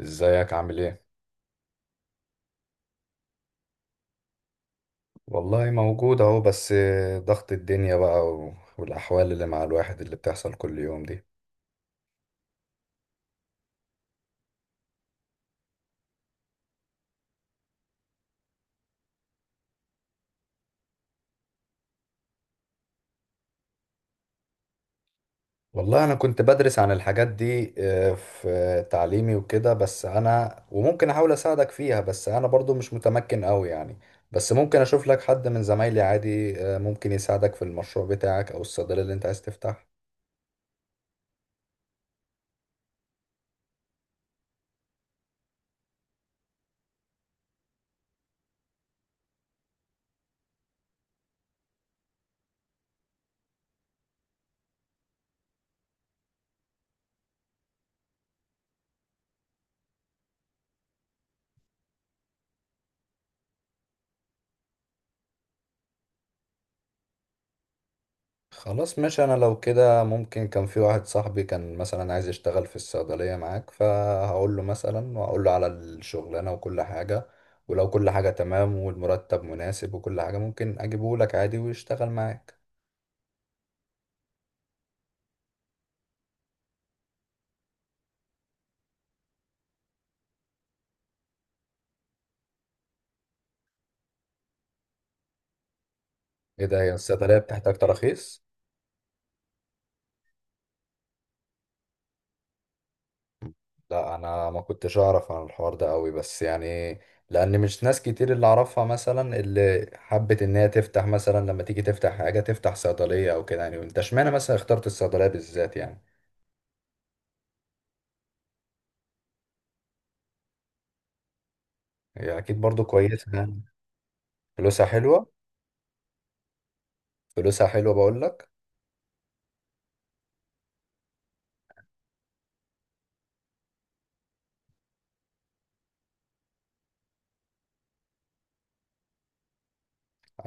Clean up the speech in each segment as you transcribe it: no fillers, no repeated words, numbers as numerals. ازيك عامل ايه؟ والله موجود اهو. بس ضغط الدنيا بقى والاحوال اللي مع الواحد اللي بتحصل كل يوم دي. والله انا كنت بدرس عن الحاجات دي، في تعليمي وكده. بس انا وممكن احاول اساعدك فيها، بس انا برضو مش متمكن قوي يعني. بس ممكن اشوف لك حد من زمايلي عادي، ممكن يساعدك في المشروع بتاعك او الصيدلية اللي انت عايز تفتحها. خلاص ماشي. انا لو كده ممكن، كان في واحد صاحبي كان مثلا عايز يشتغل في الصيدلية معاك، فهقول له مثلا وهقول له على الشغلانة وكل حاجة. ولو كل حاجة تمام والمرتب مناسب وكل حاجة، ممكن اجيبه لك عادي ويشتغل معاك. ايه ده، هي الصيدلية بتحتاج تراخيص؟ لا انا ما كنتش اعرف عن الحوار ده قوي، بس يعني لان مش ناس كتير اللي اعرفها مثلا اللي حبت ان هي تفتح، مثلا لما تيجي تفتح حاجة تفتح صيدلية او كده، يعني انت اشمعنى مثلا اخترت الصيدلية بالذات يعني. هي اكيد برضو كويسه. فلوسها حلوه. فلوسها حلوه بقول لك.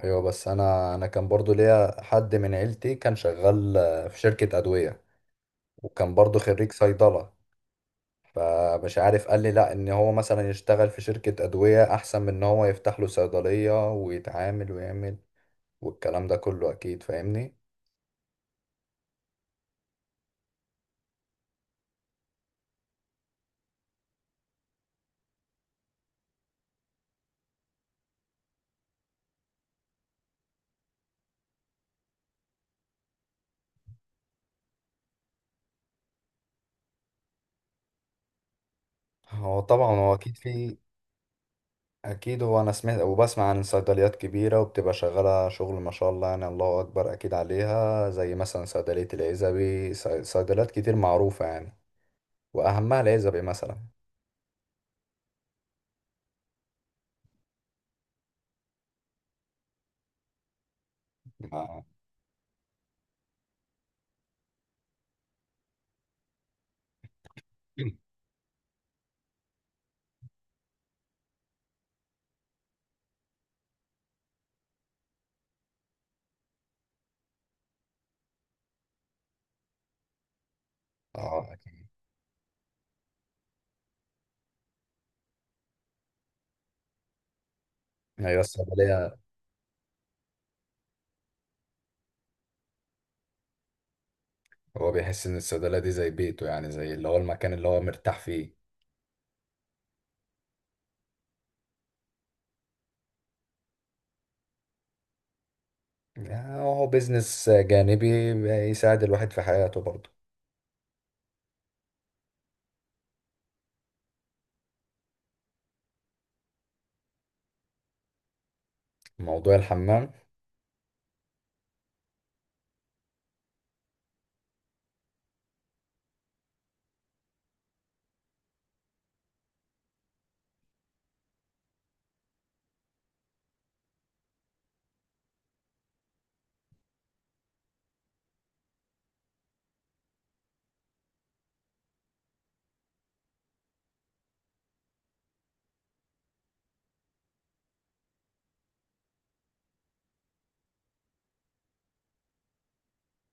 ايوه بس انا كان برضو ليا حد من عيلتي كان شغال، في شركه ادويه. وكان برضو خريج صيدله. فمش عارف، قال لي لا، ان هو مثلا يشتغل في شركه ادويه احسن من ان هو يفتح له صيدليه ويتعامل ويعمل والكلام ده كله، اكيد فاهمني. هو طبعا هو اكيد في. اكيد هو انا سمعت وبسمع عن صيدليات كبيره وبتبقى شغاله شغل ما شاء الله، يعني الله اكبر اكيد عليها، زي مثلا صيدليه العزبي. صيدليات كتير معروفه يعني، واهمها العزبي مثلا. آه. اه اكيد. ايوه الصيدليه. هو بيحس ان الصيدليه دي زي بيته، يعني زي اللي هو المكان اللي هو مرتاح فيه. يعني هو بيزنس جانبي يساعد الواحد في حياته برضه. موضوع الحمام؟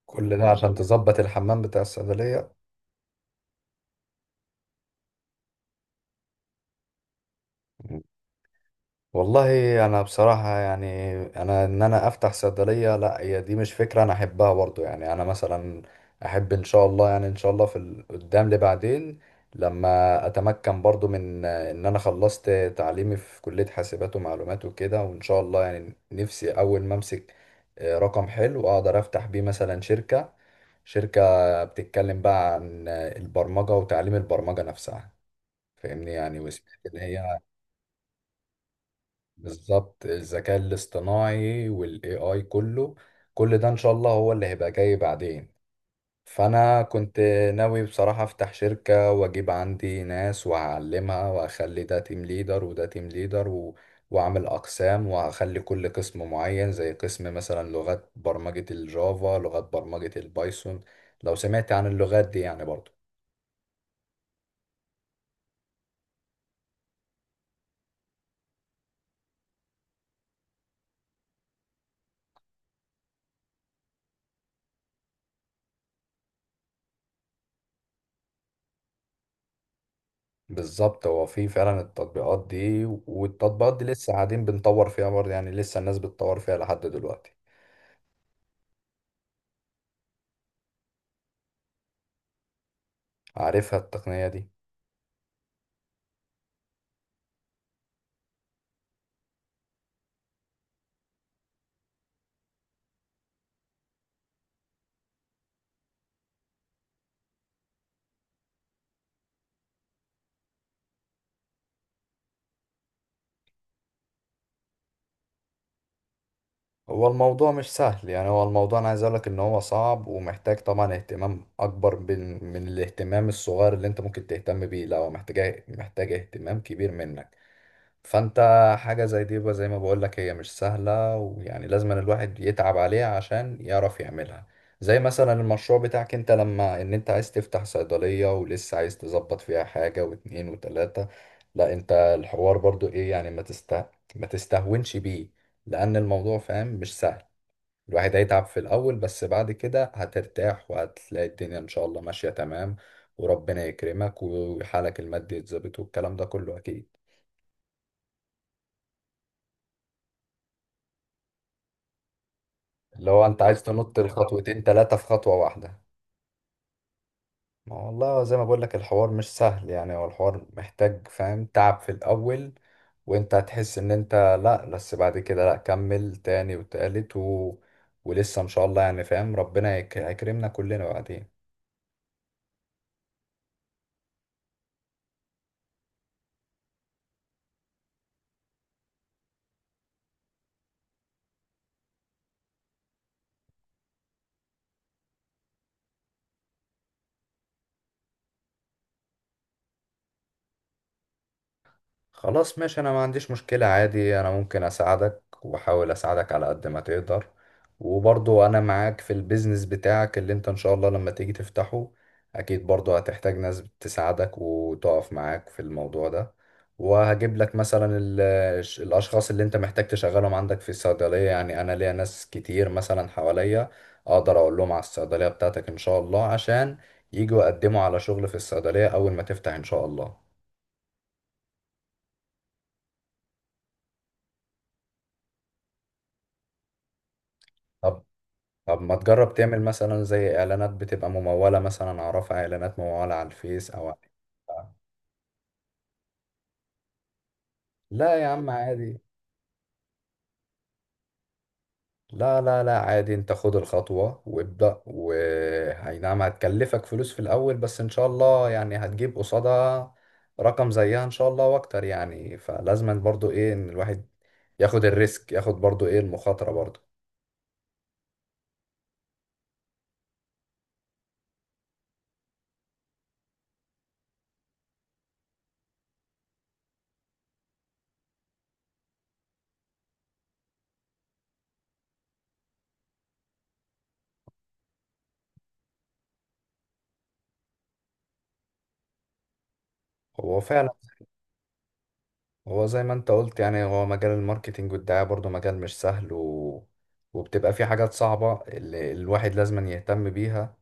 كل ده عشان تظبط الحمام بتاع الصيدليه؟ والله انا بصراحه يعني انا انا افتح صيدليه لا، هي دي مش فكره انا احبها برضو. يعني انا مثلا احب ان شاء الله، يعني ان شاء الله في قدام لبعدين، لما اتمكن برضو من ان انا خلصت تعليمي في كليه حاسبات ومعلومات وكده. وان شاء الله يعني نفسي اول ما امسك، رقم حلو اقدر افتح بيه مثلا شركه بتتكلم بقى عن، البرمجه وتعليم البرمجه نفسها، فاهمني يعني. وسمعت ان هي بالظبط الذكاء الاصطناعي والاي اي كله، كل ده ان شاء الله هو اللي هيبقى جاي بعدين. فانا كنت ناوي بصراحة افتح شركة واجيب عندي ناس وهعلمها واخلي ده تيم ليدر وده تيم ليدر و... واعمل اقسام وهخلي كل قسم معين، زي قسم مثلا لغات برمجة الجافا، لغات برمجة البايثون، لو سمعت عن اللغات دي يعني برضو. بالظبط، هو في فعلا التطبيقات دي، والتطبيقات دي لسه قاعدين بنطور فيها برضه، يعني لسه الناس بتطور فيها لحد دلوقتي. عارفها التقنية دي. هو الموضوع مش سهل، يعني هو الموضوع انا عايز اقولك ان هو صعب ومحتاج طبعا اهتمام اكبر من الاهتمام الصغير اللي انت ممكن تهتم بيه. لا هو محتاج اهتمام كبير منك. فانت حاجة زي دي بقى، زي ما بقولك هي مش سهلة، ويعني لازم أن الواحد يتعب عليها عشان يعرف يعملها. زي مثلا المشروع بتاعك انت، لما انت عايز تفتح صيدلية ولسه عايز تظبط فيها حاجة واتنين وتلاتة. لا انت الحوار برضو ايه يعني، ما تستهونش بيه، لان الموضوع فاهم مش سهل. الواحد هيتعب في الاول، بس بعد كده هترتاح وهتلاقي الدنيا ان شاء الله ماشية تمام، وربنا يكرمك وحالك المادي يتظبط والكلام ده كله اكيد. اللي هو انت عايز تنط الخطوتين تلاتة في خطوة واحدة. ما هو والله زي ما بقول لك الحوار مش سهل، يعني هو الحوار محتاج فاهم تعب في الأول، وانت هتحس ان انت لا، بس بعد كده لا، كمل تاني وتالت و... ولسه ان شاء الله يعني فاهم، ربنا هيكرمنا كلنا بعدين. خلاص ماشي، انا ما عنديش مشكلة عادي. انا ممكن اساعدك واحاول اساعدك على قد ما تقدر. وبرضو انا معاك في البيزنس بتاعك اللي انت ان شاء الله لما تيجي تفتحه. اكيد برضو هتحتاج ناس تساعدك وتقف معاك في الموضوع ده. وهجيب لك مثلا الاشخاص اللي انت محتاج تشغلهم عندك في الصيدلية. يعني انا ليا ناس كتير مثلا حواليا، اقدر اقول لهم على الصيدلية بتاعتك ان شاء الله، عشان يجوا يقدموا على شغل في الصيدلية اول ما تفتح ان شاء الله. طب طب ما تجرب تعمل مثلا زي اعلانات بتبقى ممولة، مثلا اعرفها اعلانات ممولة على الفيس او على. لا يا عم عادي. لا، لا، لا عادي، انت خد الخطوة وابدأ، وهي نعم هتكلفك فلوس في الاول، بس ان شاء الله يعني هتجيب قصادها رقم زيها ان شاء الله واكتر. يعني فلازم برضو ايه ان الواحد ياخد الريسك، ياخد برضو ايه المخاطرة برضو. هو فعلا هو زي ما انت قلت، يعني هو مجال الماركتينج والدعاية برضو مجال مش سهل و... وبتبقى فيه حاجات صعبة اللي الواحد لازم يهتم بيها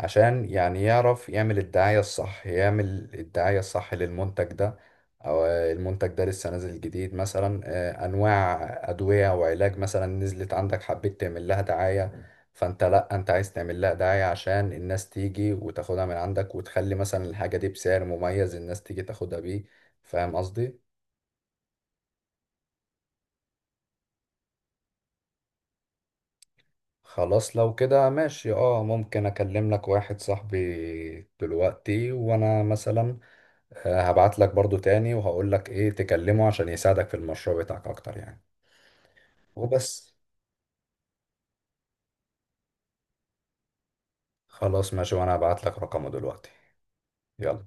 عشان يعني يعرف يعمل الدعاية الصح، يعمل الدعاية الصح للمنتج ده. أو المنتج ده لسه نازل جديد مثلا، أنواع أدوية وعلاج مثلا نزلت عندك حبيت تعمل لها دعاية. فأنت لأ، أنت عايز تعمل لها دعاية عشان الناس تيجي وتاخدها من عندك، وتخلي مثلا الحاجة دي بسعر مميز الناس تيجي تاخدها بيه. فاهم قصدي؟ خلاص لو كده ماشي، اه ممكن اكلم لك واحد صاحبي دلوقتي، وانا مثلا، هبعت لك برضو تاني وهقول لك ايه تكلمه، عشان يساعدك في المشروع بتاعك اكتر يعني. وبس. خلاص ماشي، وانا هبعت لك رقمه دلوقتي. يلا.